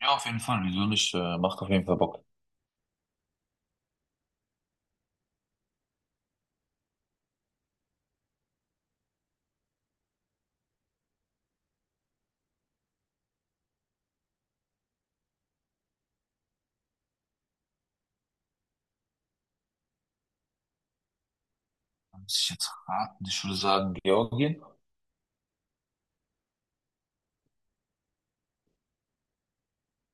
Ja, auf jeden Fall. Wieso nicht? Macht auf jeden Fall Bock. Muss ich jetzt raten? Ich würde sagen Georgien.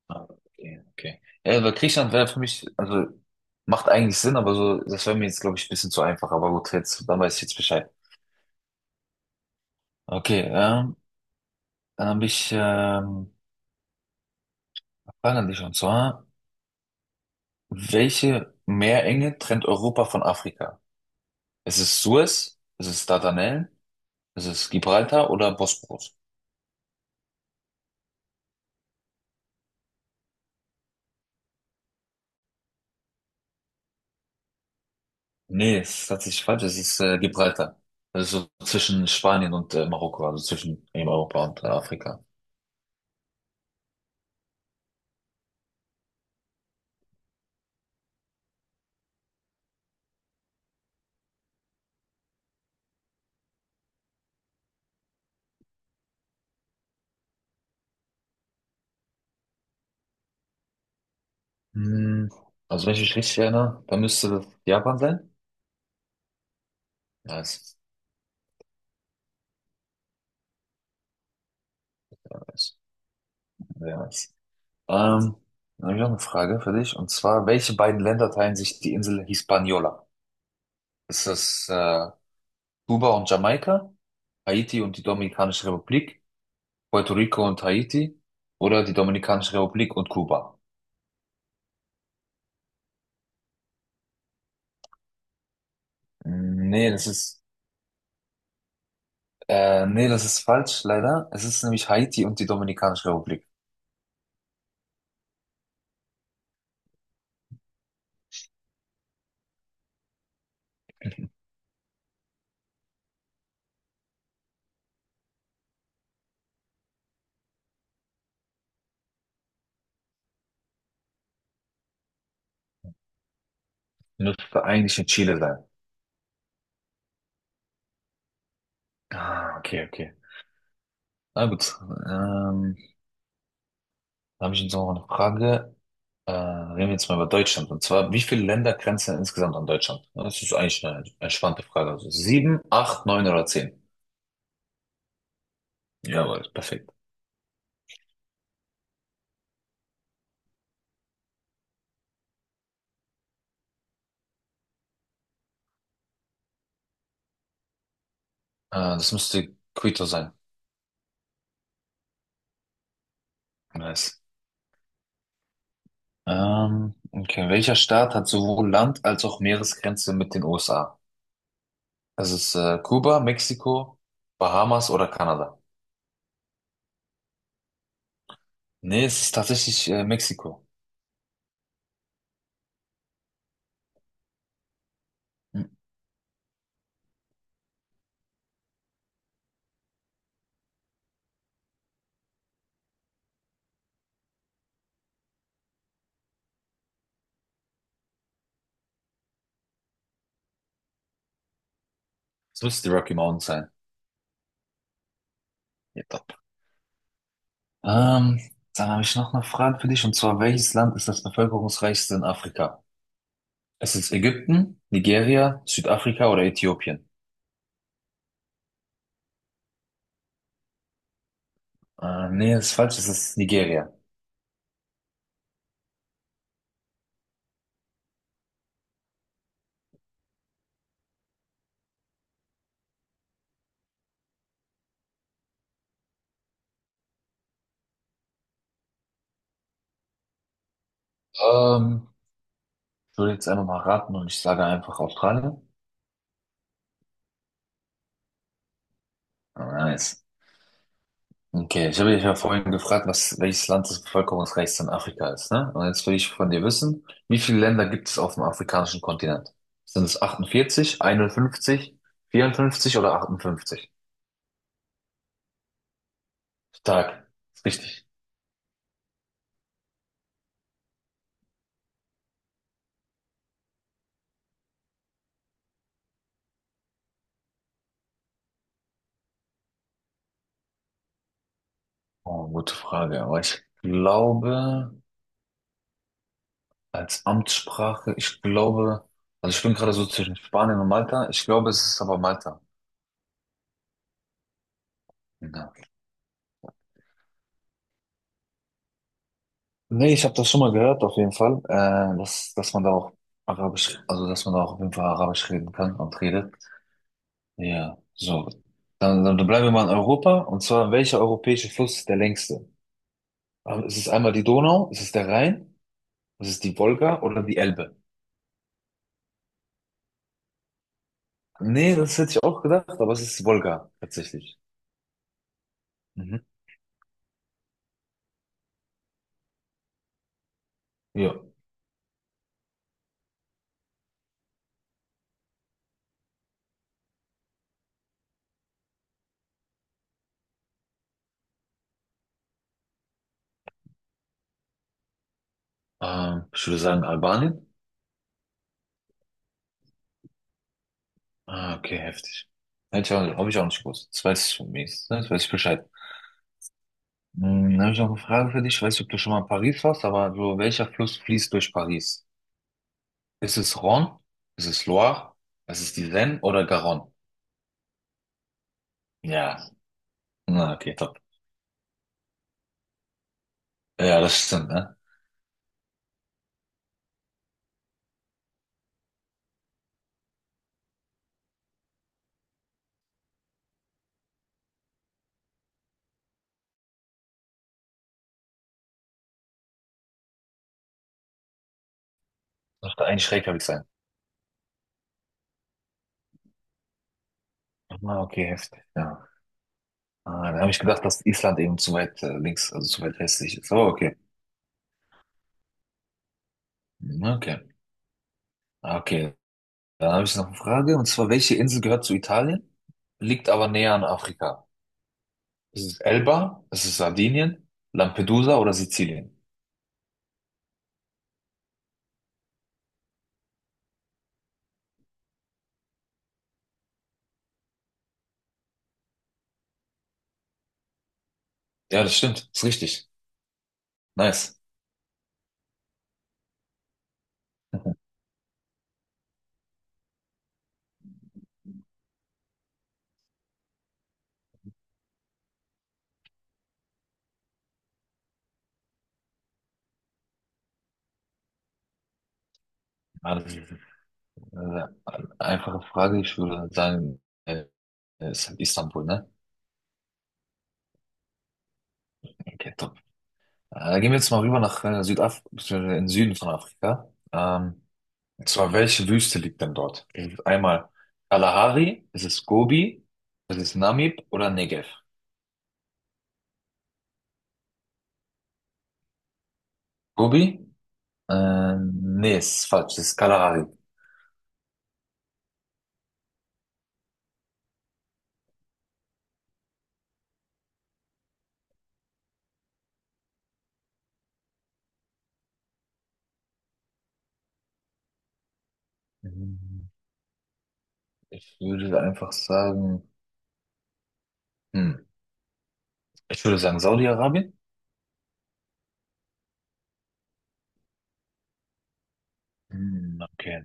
Ah, okay, okay. Ja, weil Griechenland wäre für mich, also macht eigentlich Sinn, aber so, das wäre mir jetzt, glaube ich, ein bisschen zu einfach. Aber gut, jetzt, dann weiß ich jetzt Bescheid. Okay, dann habe ich Fragen an dich, und zwar, welche Meerenge trennt Europa von Afrika? Ist es Suez? Ist es Dardanellen? Ist es Gibraltar oder Bosporus? Nee, es ist tatsächlich falsch. Es ist Gibraltar. Das ist so zwischen Spanien und Marokko, also zwischen eben Europa und Afrika. Hm, also wenn ich mich richtig erinnere, dann müsste das Japan sein. Nice, nice, sehr nice. Ähm, Dann habe ich noch eine Frage für dich. Und zwar, welche beiden Länder teilen sich die Insel Hispaniola? Ist das Kuba und Jamaika, Haiti und die Dominikanische Republik, Puerto Rico und Haiti oder die Dominikanische Republik und Kuba? Hm, Nee, das ist nee, das ist falsch, leider. Es ist nämlich Haiti und die Dominikanische Republik. Müsste eigentlich in Chile sein. Ah, okay, okay. Na gut. Ähm, Da habe ich jetzt noch eine Frage. Reden wir jetzt mal über Deutschland. Und zwar, wie viele Länder grenzen denn insgesamt an Deutschland? Ja, das ist eigentlich eine entspannte Frage. Also sieben, acht, neun oder zehn? Jawohl, perfekt. Das müsste Quito sein. Nice. Okay. Welcher Staat hat sowohl Land- als auch Meeresgrenze mit den USA? Es ist Kuba, Mexiko, Bahamas oder Kanada. Nee, es ist tatsächlich Mexiko. Hm. Es müsste die Rocky Mountains sein. Ja, top. Ähm, Dann habe ich noch eine Frage für dich, und zwar, welches Land ist das bevölkerungsreichste in Afrika? Es ist Ägypten, Nigeria, Südafrika oder Äthiopien? Nee, das ist falsch, es ist Nigeria. Ähm, Ich würde jetzt einfach mal raten und ich sage einfach Australien. Ah, nice. Okay, ich habe dich ja vorhin gefragt, welches Land das bevölkerungsreichste in Afrika ist, ne? Und jetzt will ich von dir wissen, wie viele Länder gibt es auf dem afrikanischen Kontinent? Sind es 48, 51, 54 oder 58? Stark, ist richtig. Oh, gute Frage, aber ich glaube, als Amtssprache, ich glaube, also ich bin gerade so zwischen Spanien und Malta, ich glaube, es ist aber Malta. Ja. Nee, ich habe das schon mal gehört, auf jeden Fall, dass man da auch Arabisch, also dass man da auch auf jeden Fall Arabisch reden kann und redet. Ja, so. Dann bleiben wir mal in Europa, und zwar, welcher europäische Fluss ist der längste? Ist es einmal die Donau, ist es der Rhein, ist es die Wolga oder die Elbe? Nee, das hätte ich auch gedacht, aber es ist die Wolga, tatsächlich. Mhm. Ja, ich würde sagen Albanien. Ah, okay, heftig. Hätte ich auch, habe ich auch nicht gewusst. Das weiß ich von mir. Das weiß ich Bescheid. Hm, habe ich noch eine Frage für dich. Ich weiß nicht, ob du schon mal in Paris warst, aber so, welcher Fluss fließt durch Paris? Ist es Rhône? Ist es Loire? Ist es die Seine oder Garonne? Ja. Na, okay, top. Ja, das stimmt, ne? Das müsste eigentlich Reykjavik sein. Ah, okay, heftig. Ja. Ah, da habe ich gedacht, dass Island eben zu weit links, also zu weit westlich ist. Oh, okay. Hm, okay. Ah, okay. Dann habe ich noch eine Frage, und zwar, welche Insel gehört zu Italien, liegt aber näher an Afrika? Ist es Elba? Ist es Sardinien? Lampedusa oder Sizilien? Ja, das stimmt. Ist richtig. Nice. Ja, das ist eine einfache Frage. Ich würde sagen, äh, ist halt Istanbul, ne? Okay, top. Gehen wir jetzt mal rüber nach Südafrika, beziehungsweise in den Süden von Afrika. Und zwar, welche Wüste liegt denn dort? Ist es einmal Kalahari, ist es Gobi, ist es Namib oder Negev? Gobi? Nee, ist falsch. Das ist Kalahari. Mhm. Ich würde einfach sagen, hm, ich würde sagen Saudi-Arabien. Hm, okay.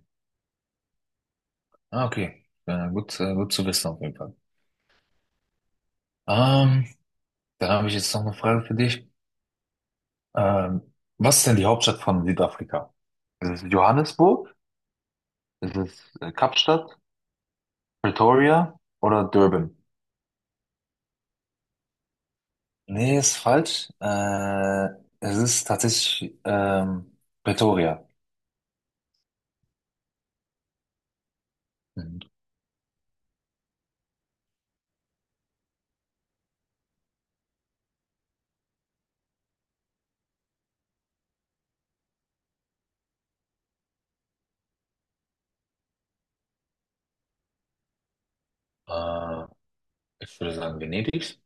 Ah, okay. Ja, gut, gut zu wissen auf jeden Fall. Ähm, Dann habe ich jetzt noch eine Frage für dich. Ähm, Was ist denn die Hauptstadt von Südafrika? Ist es Johannesburg? Ist es Kapstadt? Pretoria oder Durban? Nee, ist falsch. Es ist tatsächlich Pretoria. Mhm. Äh, Ich würde sagen Venedig.